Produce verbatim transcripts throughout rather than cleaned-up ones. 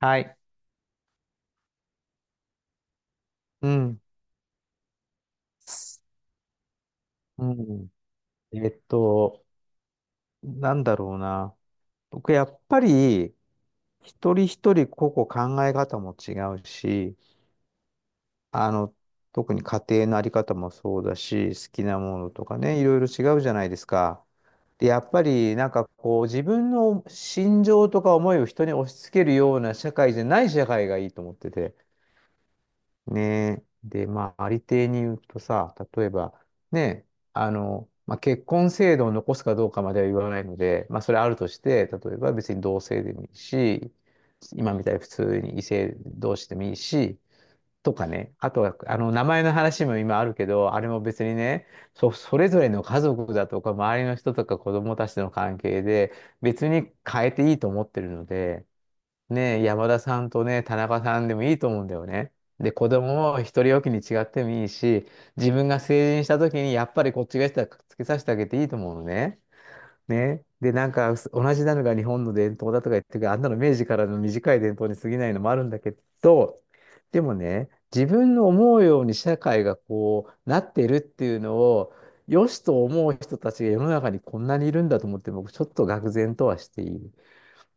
はい。うん。うん。えっと、なんだろうな。僕、やっぱり、一人一人個々考え方も違うし、あの、特に家庭のあり方もそうだし、好きなものとかね、いろいろ違うじゃないですか。で、やっぱり、なんかこう、自分の心情とか思いを人に押し付けるような社会じゃない社会がいいと思ってて。ねえ。で、まあ、ありていに言うとさ、例えば、ね、あの、まあ、結婚制度を残すかどうかまでは言わないので、まあ、それあるとして、例えば別に同性でもいいし、今みたいに普通に異性同士でもいいし、とかね。あとは、あの、名前の話も今あるけど、あれも別にね、そ、それぞれの家族だとか、周りの人とか子供たちとの関係で、別に変えていいと思ってるので、ねえ、山田さんとね、田中さんでもいいと思うんだよね。で、子供を一人おきに違ってもいいし、自分が成人した時にやっぱりこっちがしたらくっつけさせてあげていいと思うのね。ね。で、なんかす同じなのが日本の伝統だとか言ってるけど、あんなの明治からの短い伝統に過ぎないのもあるんだけど、でもね、自分の思うように社会がこうなってるっていうのを、良しと思う人たちが世の中にこんなにいるんだと思って、僕ちょっと愕然とはしている。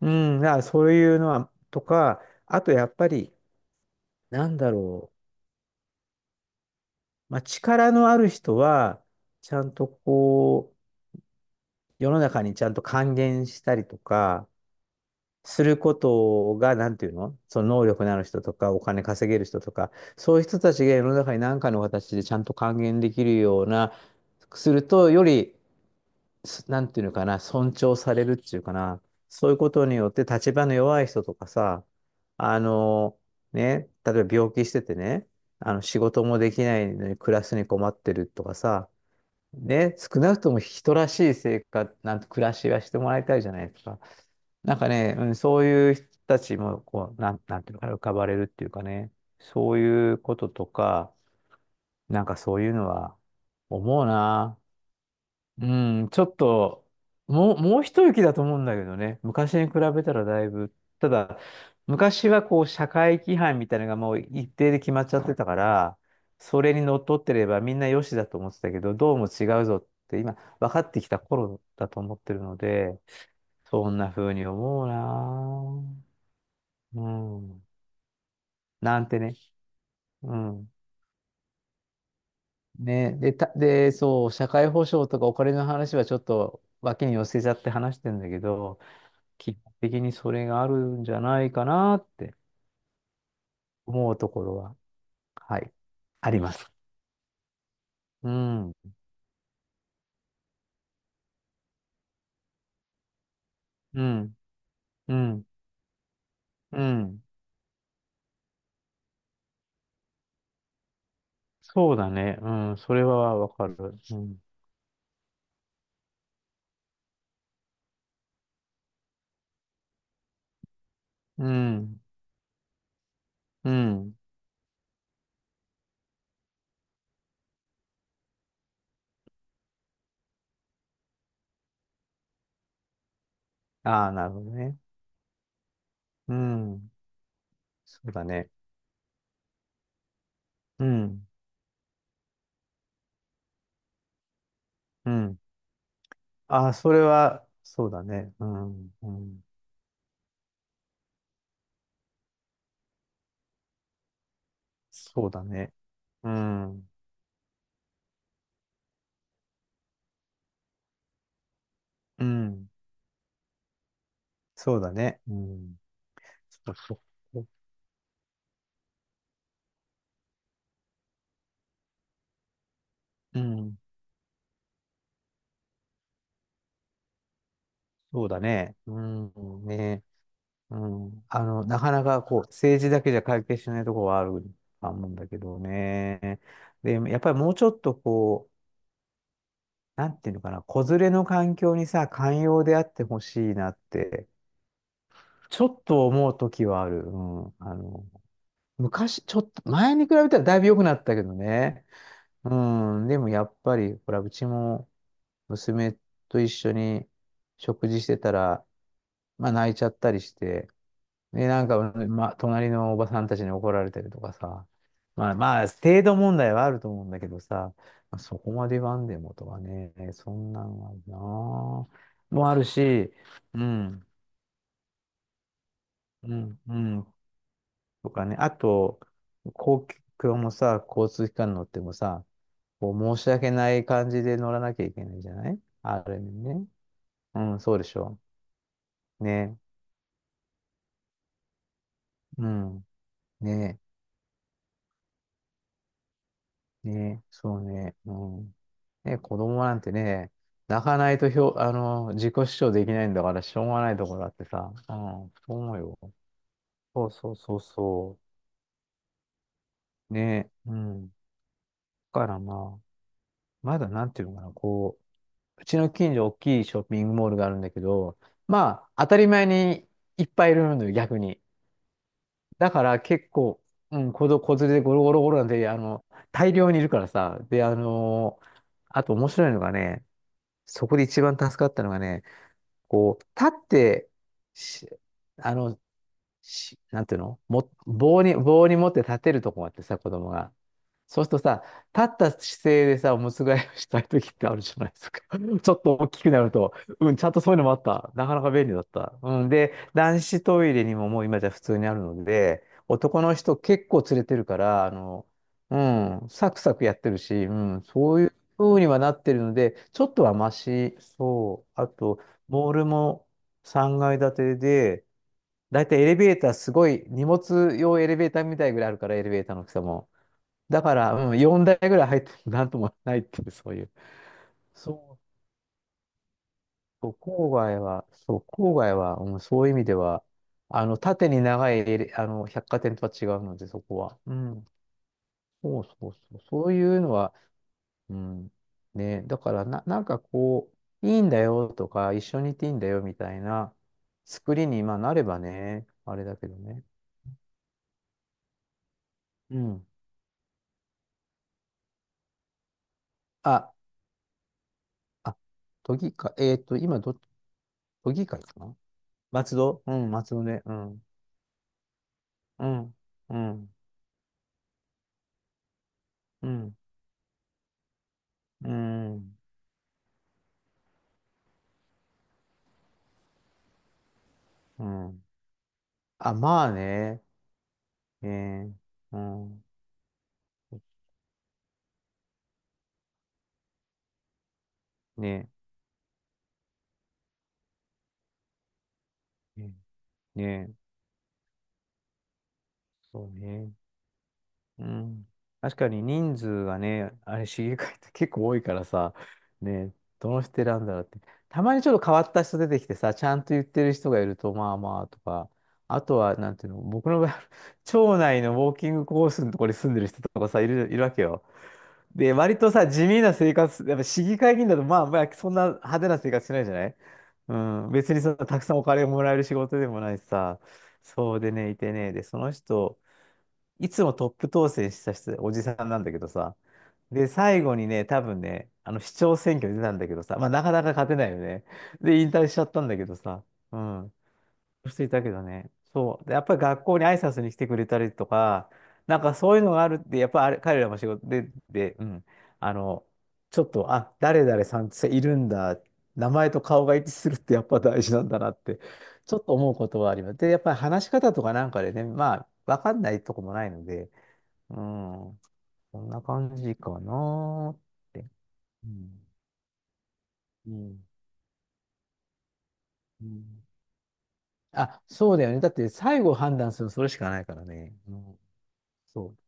うん、だからそういうのは、とか、あとやっぱり、なんだろう、まあ、力のある人は、ちゃんとこう、世の中にちゃんと還元したりとか、することが、なんていうのその能力のある人とか、お金稼げる人とか、そういう人たちが世の中に何かの形でちゃんと還元できるような、すると、よりすなんていうのかな、尊重されるっていうかな、そういうことによって立場の弱い人とかさ、あの、ね、例えば病気しててね、あの仕事もできないのに暮らすに困ってるとかさ、ね、少なくとも人らしい生活、なんて暮らしはしてもらいたいじゃないですか。なんかね、うん、そういう人たちもこう、なん、なんていうのかな、浮かばれるっていうかね、そういうこととか、なんかそういうのは思うな。うん、ちょっと、もう、もう一息だと思うんだけどね。昔に比べたらだいぶ。ただ、昔はこう、社会規範みたいなのがもう一定で決まっちゃってたから、それにのっとってればみんなよしだと思ってたけど、どうも違うぞって今、分かってきた頃だと思ってるので、そんな風に思うなぁ。うん。なんてね。うん。ね、で、た、で、そう、社会保障とかお金の話はちょっと脇に寄せちゃって話してんだけど、基本的にそれがあるんじゃないかなって思うところは、はい、あります。うん、うん、うん、うん。そうだね。うん、それはわかる。うん、うん、うん。ああ、なるほどね。うん、そうだね。うん、うん。ああ、それは、そうだね。うん、うん、そうだね。うん、うん、そうだね。うん、そうそう。うん、そうだね。うん、ねえうん。あの、なかなかこう、政治だけじゃ解決しないところはあると思うんだけどね。で、やっぱりもうちょっとこう、なんていうのかな、子連れの環境にさ、寛容であってほしいなって、ちょっと思うときはある。うん。あの、昔、ちょっと、前に比べたらだいぶ良くなったけどね。うん。でもやっぱり、ほら、うちも娘と一緒に食事してたら、まあ泣いちゃったりして、で、なんか、ま、隣のおばさんたちに怒られたりとかさ。まあまあ、程度問題はあると思うんだけどさ、まあそこまで言わんでもとかね、そんなんはなあ、もあるし、うん、うん、うん、とかね、あと、公共もさ、交通機関乗ってもさ、こう申し訳ない感じで乗らなきゃいけないじゃないある意味ね。うん、そうでしょ。ね、うん、ねね、そうね、うん。ね、子供なんてね、泣かないとひょ、あの、自己主張できないんだから、しょうがないところだってさ、うん、そう思うよ。そうそうそうそう。ね、うん。だからまあ、まだなんていうのかな、こう、うちの近所大きいショッピングモールがあるんだけど、まあ、当たり前にいっぱいいるのよ、逆に。だから結構、うん、子ど子連れでゴロゴロゴロなんて、あの、大量にいるからさ、で、あの、あと面白いのがね、そこで一番助かったのがね、こう、立ってし、あの、し、なんていうのも、棒に、棒に持って立てるとこがあってさ、子供が。そうするとさ、立った姿勢でさ、おむつ替えをしたい時ってあるじゃないですか。ちょっと大きくなると、うん、ちゃんとそういうのもあった。なかなか便利だった。うん、で、男子トイレにももう今じゃ普通にあるので、男の人結構連れてるから、あの、うん、サクサクやってるし、うん、そういう風にはなってるので、ちょっとはマシ、そう。あと、モールもさんがい建てで、だいたいエレベーターすごい、荷物用エレベーターみたいぐらいあるから、エレベーターの大きさも。だから、うん、よんだいぐらい入ってもなんともないっていう、そういう。そう、そう郊外は、そう、郊外は、うん、そういう意味では、あの、縦に長い、あの、百貨店とは違うので、そこは。うん。そうそうそう。そういうのは、うん。ね、だからな、なんかこう、いいんだよとか、一緒にいていいんだよみたいな作りに、まあ、なればね、あれだけどね。うん。あ、あ、都議会、えっと、今ど、都議会かな、松戸うん、松戸ね。うん。うん、うん、うん、うん、うん。あ、まあね。ねうん。ねねね、そうね。うん。確かに人数がね、あれ、市議会って 結構多いからさ、ね、どの人選んだらって。たまにちょっと変わった人出てきてさ、ちゃんと言ってる人がいると、まあまあとか、あとは、なんていうの、僕の場合、町内のウォーキングコースのところに住んでる人とかさ、いる、いるわけよ。で、割とさ、地味な生活、やっぱ市議会議員だと、まあ、まあ、そんな派手な生活しないじゃない。うん、別にそんなたくさんお金をもらえる仕事でもないしさ、そうでね、いてね、で、その人、いつもトップ当選した人、おじさんなんだけどさ、で、最後にね、多分ね、あの、市長選挙に出たんだけどさ、まあ、なかなか勝てないよね。で、引退しちゃったんだけどさ、うん。していたけどね。そう。で、やっぱり学校に挨拶に来てくれたりとか、なんかそういうのがあるって、やっぱあれ、彼らも仕事で、で、うん。あの、ちょっと、あ、誰々さんっているんだ。名前と顔が一致するってやっぱ大事なんだなって、ちょっと思うことはあります。で、やっぱり話し方とかなんかでね、まあ、わかんないとこもないので、うん、こんな感じかなーって。うん。うん、うん、あ、そうだよね。だって最後判断するのそれしかないからね。うん、そう。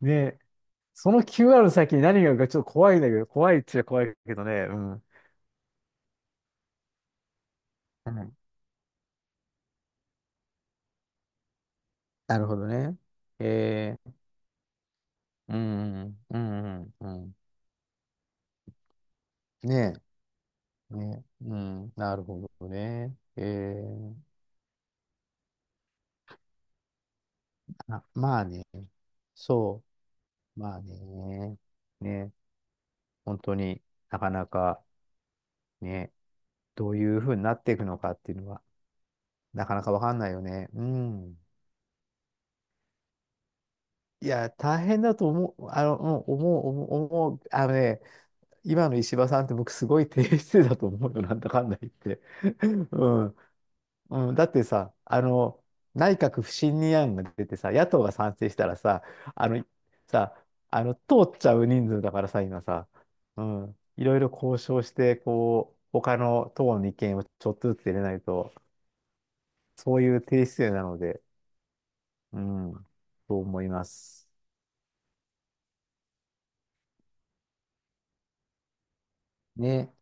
ね、その キューアール の先に何があるかちょっと怖いんだけど、怖いっちゃ怖いけどね、うん。うん、なるほどね。えー、うん、うん、うん、うん。ねえ、ねえ、うん、なるほどね。えー、あ、まあね、そう、まあね、ね、本当になかなかね、どういうふうになっていくのかっていうのは、なかなかわかんないよね。うん。いや、大変だと思う、あの、うん思う、思う、思う、あのね、今の石破さんって僕すごい低姿勢だと思うよ、なんだかんだ言って。うん。うん、だってさ、あの、内閣不信任案が出てさ、野党が賛成したらさ、あの、さ、あの、通っちゃう人数だからさ、今さ、うん、いろいろ交渉して、こう、他の党の意見をちょっとずつ入れないと、そういう低姿勢なので、うん、と思います。ね。